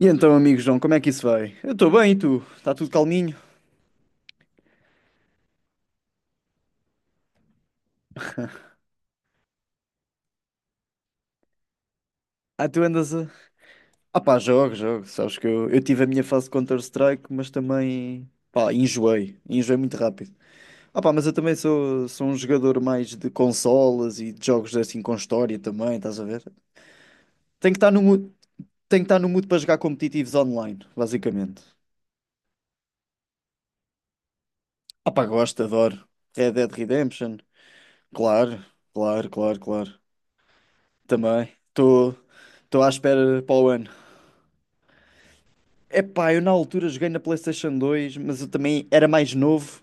E então, amigo João, como é que isso vai? Eu estou bem, e tu? Está tudo calminho? Ah, tu andas a. Ah pá, jogo, jogo. Sabes que eu tive a minha fase de Counter-Strike, mas também, pá, enjoei. Enjoei muito rápido. Ah pá, mas eu também sou um jogador mais de consolas e de jogos assim com história também, estás a ver? Tenho que estar no mood, tenho que estar no mood para jogar competitivos online, basicamente. Ah pá, gosto, adoro. Red Dead Redemption, claro, claro, claro, claro. Também. Estou à espera para o ano. Epá, eu na altura joguei na PlayStation 2, mas eu também era mais novo.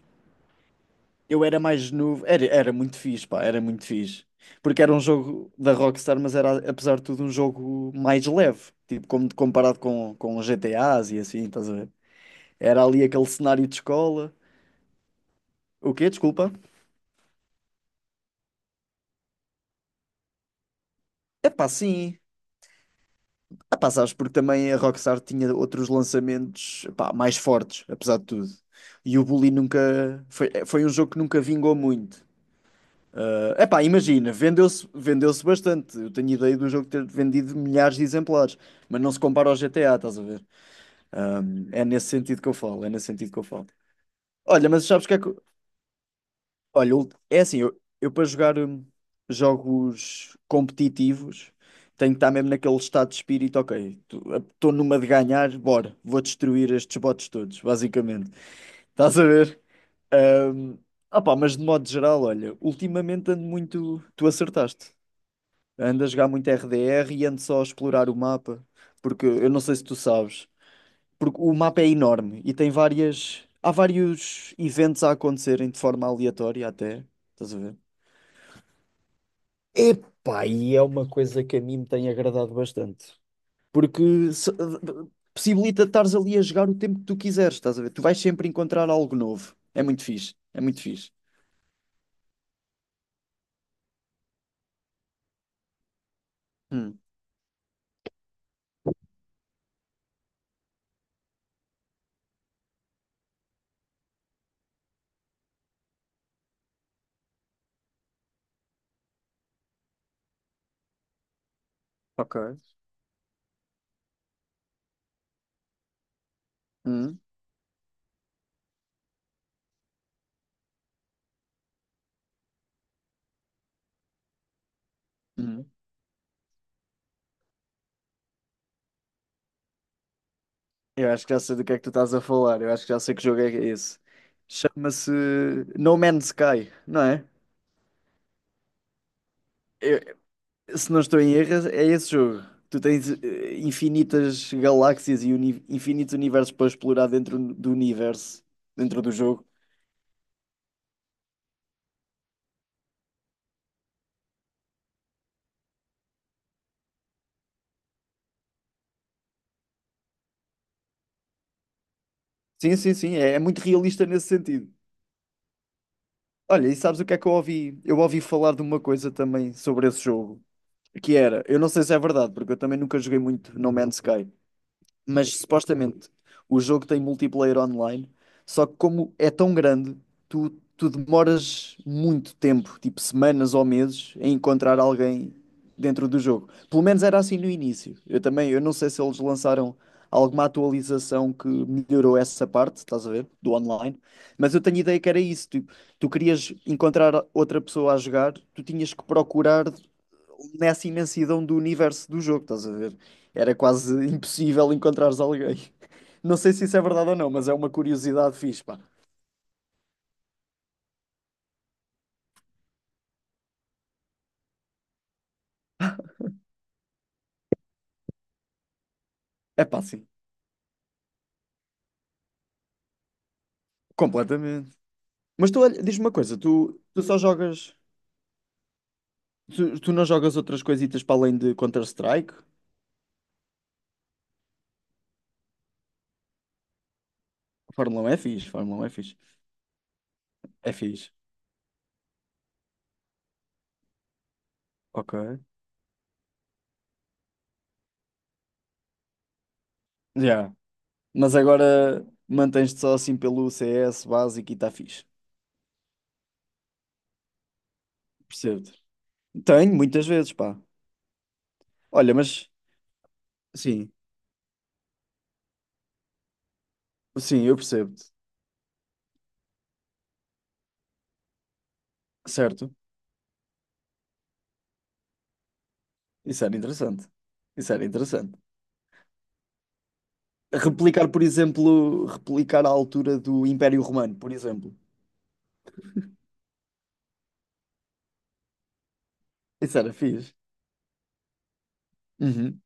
Eu era mais novo. Era muito fixe, pá, era muito fixe. Porque era um jogo da Rockstar, mas era, apesar de tudo, um jogo mais leve. Tipo, como, comparado com os GTAs e assim, estás a ver? Era ali aquele cenário de escola. O quê? Desculpa. Epá, sim. Epá, sabes, porque também a Rockstar tinha outros lançamentos, epá, mais fortes, apesar de tudo. E o Bully nunca... Foi um jogo que nunca vingou muito. É epá, imagina, vendeu-se bastante. Eu tenho ideia do jogo ter vendido milhares de exemplares, mas não se compara ao GTA, estás a ver? Ah, é nesse sentido que eu falo, é nesse sentido que eu falo. Olha, mas sabes o que é que. Eu- Olha, é assim, eu para jogar jogos competitivos tenho que estar mesmo naquele estado de espírito, ok, estou numa de ganhar, bora, vou destruir estes bots todos, basicamente. Estás a ver? Ah, opá, mas de modo geral, olha, ultimamente ando muito. Tu acertaste. Ando a jogar muito RDR e ando só a explorar o mapa, porque eu não sei se tu sabes, porque o mapa é enorme e tem várias. Há vários eventos a acontecerem de forma aleatória até. Estás a ver? Epá, e é uma coisa que a mim me tem agradado bastante. Porque se- possibilita estares ali a jogar o tempo que tu quiseres, estás a ver? Tu vais sempre encontrar algo novo. É muito fixe, é muito fixe. Hum, ok. Hum, hum. Eu acho que já sei do que é que tu estás a falar. Eu acho que já sei que jogo é esse. Chama-se No Man's Sky, não é? Eu- se não estou em erro, é esse jogo. Tu tens infinitas galáxias e infinitos universos para explorar dentro do universo, dentro do jogo. Sim, sim, sim. É muito realista nesse sentido. Olha, e sabes o que é que eu ouvi? Eu ouvi falar de uma coisa também sobre esse jogo, que era, eu não sei se é verdade, porque eu também nunca joguei muito No Man's Sky. Mas supostamente o jogo tem multiplayer online, só que como é tão grande, tu, tu demoras muito tempo, tipo semanas ou meses, em encontrar alguém dentro do jogo. Pelo menos era assim no início. Eu também, eu não sei se eles lançaram alguma atualização que melhorou essa parte, estás a ver, do online, mas eu tenho ideia que era isso, tipo, tu querias encontrar outra pessoa a jogar, tu tinhas que procurar nessa imensidão do universo do jogo, estás a ver? Era quase impossível encontrares alguém. Não sei se isso é verdade ou não, mas é uma curiosidade fixe, pá. É pá, sim, completamente. Mas tu, olha, diz-me uma coisa, tu não jogas outras coisitas para além de Counter-Strike? Fórmula 1 é fixe, Fórmula 1 é fixe. É fixe. Ok. Já. Mas agora mantens-te só assim pelo CS básico e está fixe. Percebo-te. Tenho, muitas vezes, pá. Olha, mas sim, sim, eu percebo-te. Certo. Isso era interessante. Isso era interessante. Replicar, por exemplo, replicar a altura do Império Romano, por exemplo. Isso era fixe. Uhum.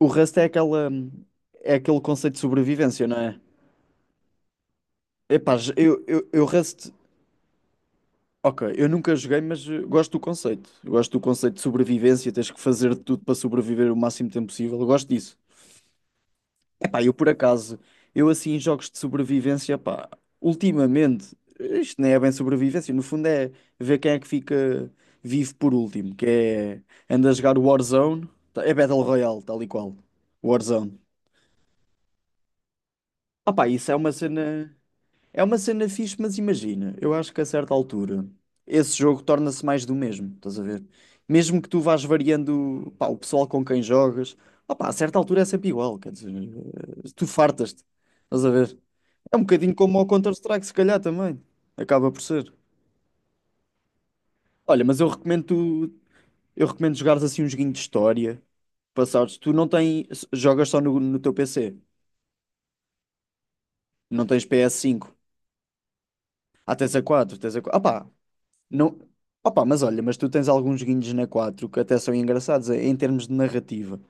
O Rust é aquela, é aquele conceito de sobrevivência, não é? Epá, j- eu Rust, ok, eu nunca joguei, mas gosto do conceito. Eu gosto do conceito de sobrevivência, tens que fazer de tudo para sobreviver o máximo tempo possível. Eu gosto disso. Pá, eu por acaso, eu assim em jogos de sobrevivência, pá, ultimamente, isto nem é bem sobrevivência, no fundo é ver quem é que fica vivo por último, que é, anda a jogar Warzone, tá- é Battle Royale, tal e qual, Warzone. Ah pá, isso é uma cena fixe, mas imagina, eu acho que a certa altura, esse jogo torna-se mais do mesmo, estás a ver? Mesmo que tu vás variando, pá, o pessoal com quem jogas, ah pá, a certa altura é sempre igual, quer dizer, tu fartas-te, estás a ver? É um bocadinho como o Counter-Strike, se calhar também. Acaba por ser. Olha, mas eu recomendo tu- eu recomendo jogares assim um joguinho de história. Passares. Tu não tens. Jogas só no teu PC. Não tens PS5. Ah, tens a 4, tens a 4. Opá, não. Opá, mas olha, mas tu tens alguns joguinhos na 4 que até são engraçados em termos de narrativa.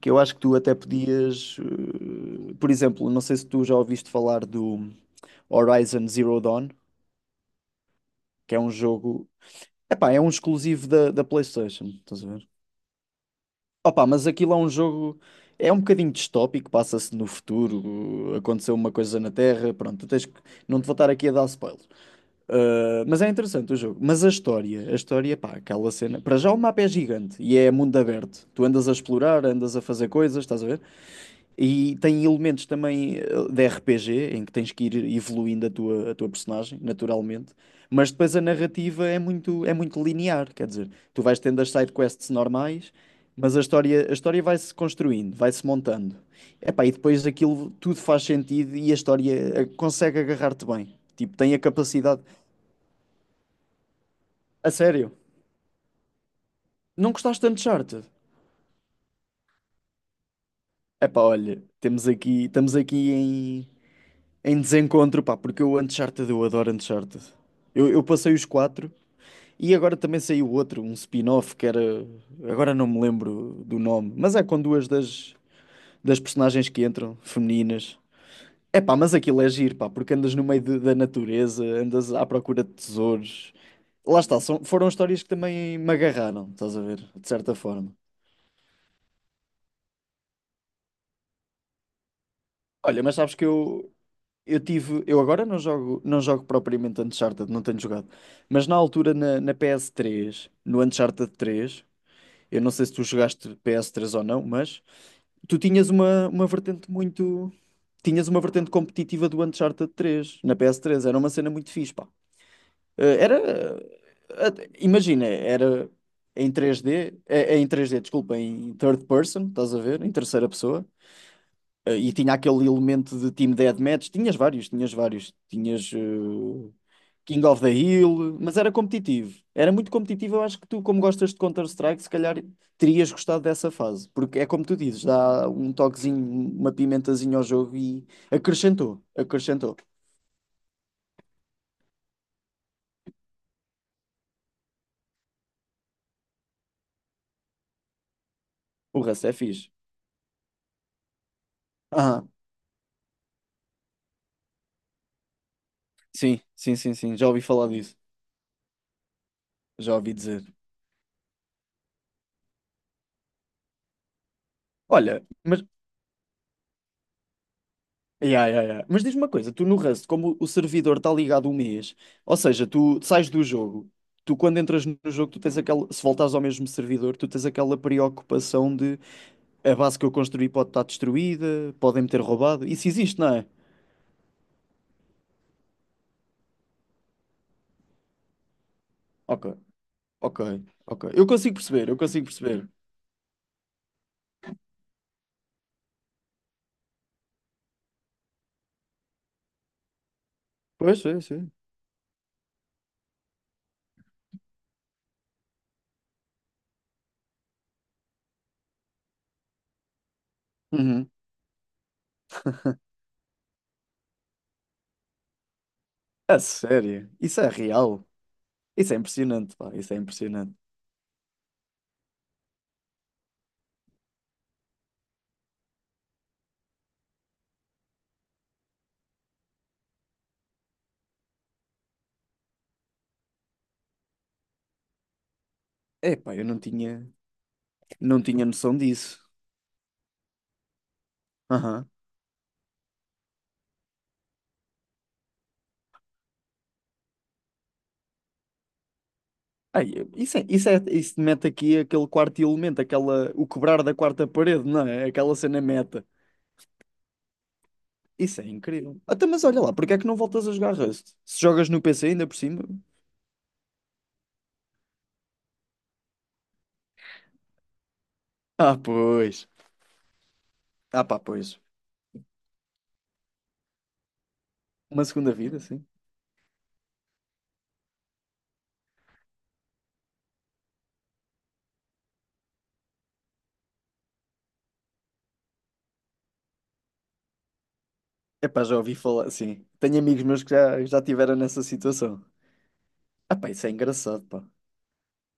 Que eu acho que tu até podias. Por exemplo, não sei se tu já ouviste falar do Horizon Zero Dawn, que é um jogo. Epá, é um exclusivo da PlayStation, estás a ver? Opa, mas aquilo é um jogo. É um bocadinho distópico, passa-se no futuro, aconteceu uma coisa na Terra, pronto, tu tens que... não te vou estar aqui a dar spoiler. Mas é interessante o jogo. Mas a história, pá, aquela cena. Para já o mapa é gigante e é mundo aberto. Tu andas a explorar, andas a fazer coisas, estás a ver? E tem elementos também de RPG, em que tens que ir evoluindo a tua personagem, naturalmente. Mas depois a narrativa é muito linear, quer dizer, tu vais tendo as side quests normais, mas a história vai-se construindo, vai-se montando. Epá, e depois aquilo tudo faz sentido e a história consegue agarrar-te bem. Tipo, tem a capacidade. A sério, não gostaste tanto de Uncharted? Epá, olha, temos aqui, estamos aqui em Em desencontro, pá, porque o Uncharted, eu adoro Uncharted. Eu passei os quatro e agora também saiu outro, um spin-off que era. Agora não me lembro do nome, mas é com duas das personagens que entram, femininas. É pá, mas aquilo é giro, pá, porque andas no meio de- da natureza, andas à procura de tesouros. Lá está, foram histórias que também me agarraram, estás a ver, de certa forma. Olha, mas sabes que eu tive. Eu agora não jogo propriamente Uncharted, não tenho jogado. Mas na altura na PS3, no Uncharted 3, eu não sei se tu jogaste PS3 ou não, mas tu tinhas uma vertente muito. Tinhas uma vertente competitiva do Uncharted 3 na PS3 era uma cena muito fixe, pá. Era. Imagina, era em três d eh, eh, em três d desculpa, em third person, estás a ver? Em terceira pessoa. E tinha aquele elemento de Team Deathmatch. Tinhas vários. Tinhas King of the Hill, mas era competitivo. Era muito competitivo. Eu acho que tu, como gostas de Counter-Strike, se calhar terias gostado dessa fase. Porque é como tu dizes, dá um toquezinho, uma pimentazinha ao jogo e acrescentou, acrescentou. O resto é fixe. Ah, sim, sim, sim, sim. Já ouvi falar disso. Já ouvi dizer. Olha, mas Yeah, yeah, yeah. Mas diz-me uma coisa, tu no Rust, como o servidor está ligado um mês, ou seja, tu sais do jogo, tu quando entras no jogo, tu tens aquela, se voltares ao mesmo servidor, tu tens aquela preocupação de a base que eu construí pode estar destruída, podem-me ter roubado. Isso existe, não é? Ok, ok, ok. Eu consigo perceber, eu consigo perceber. Pois, sim, sim. Uhum. A sério? Isso é real? Isso é impressionante, pá, isso é impressionante. Epá, eu não tinha noção disso. Ai, isso mete aqui aquele quarto elemento, aquela, o quebrar da quarta parede, não é? Aquela cena meta. Isso é incrível. Até mas olha lá, porque é que não voltas a jogar Rust? Se jogas no PC ainda por cima? Ah, pois. Ah, pá, pois. Uma segunda vida, sim. Epá, já ouvi falar, sim. Tenho amigos meus que já tiveram nessa situação. Ah, pá, isso é engraçado, pá.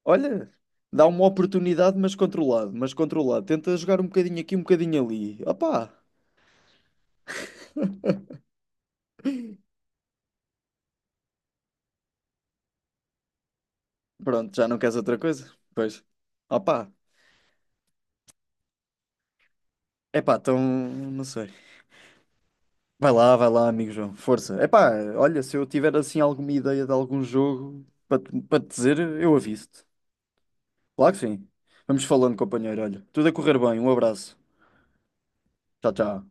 Olha, dá uma oportunidade, mas controlado, mas controlado. Tenta jogar um bocadinho aqui, um bocadinho ali. Opá, pronto, já não queres outra coisa? Pois. Opá. Epá, então, não sei. Vai lá, amigo João, força. Epá, olha, se eu tiver assim alguma ideia de algum jogo para te dizer, eu aviso-te. Claro que sim. Vamos falando, companheiro. Olha, tudo a correr bem. Um abraço. Tchau, tchau.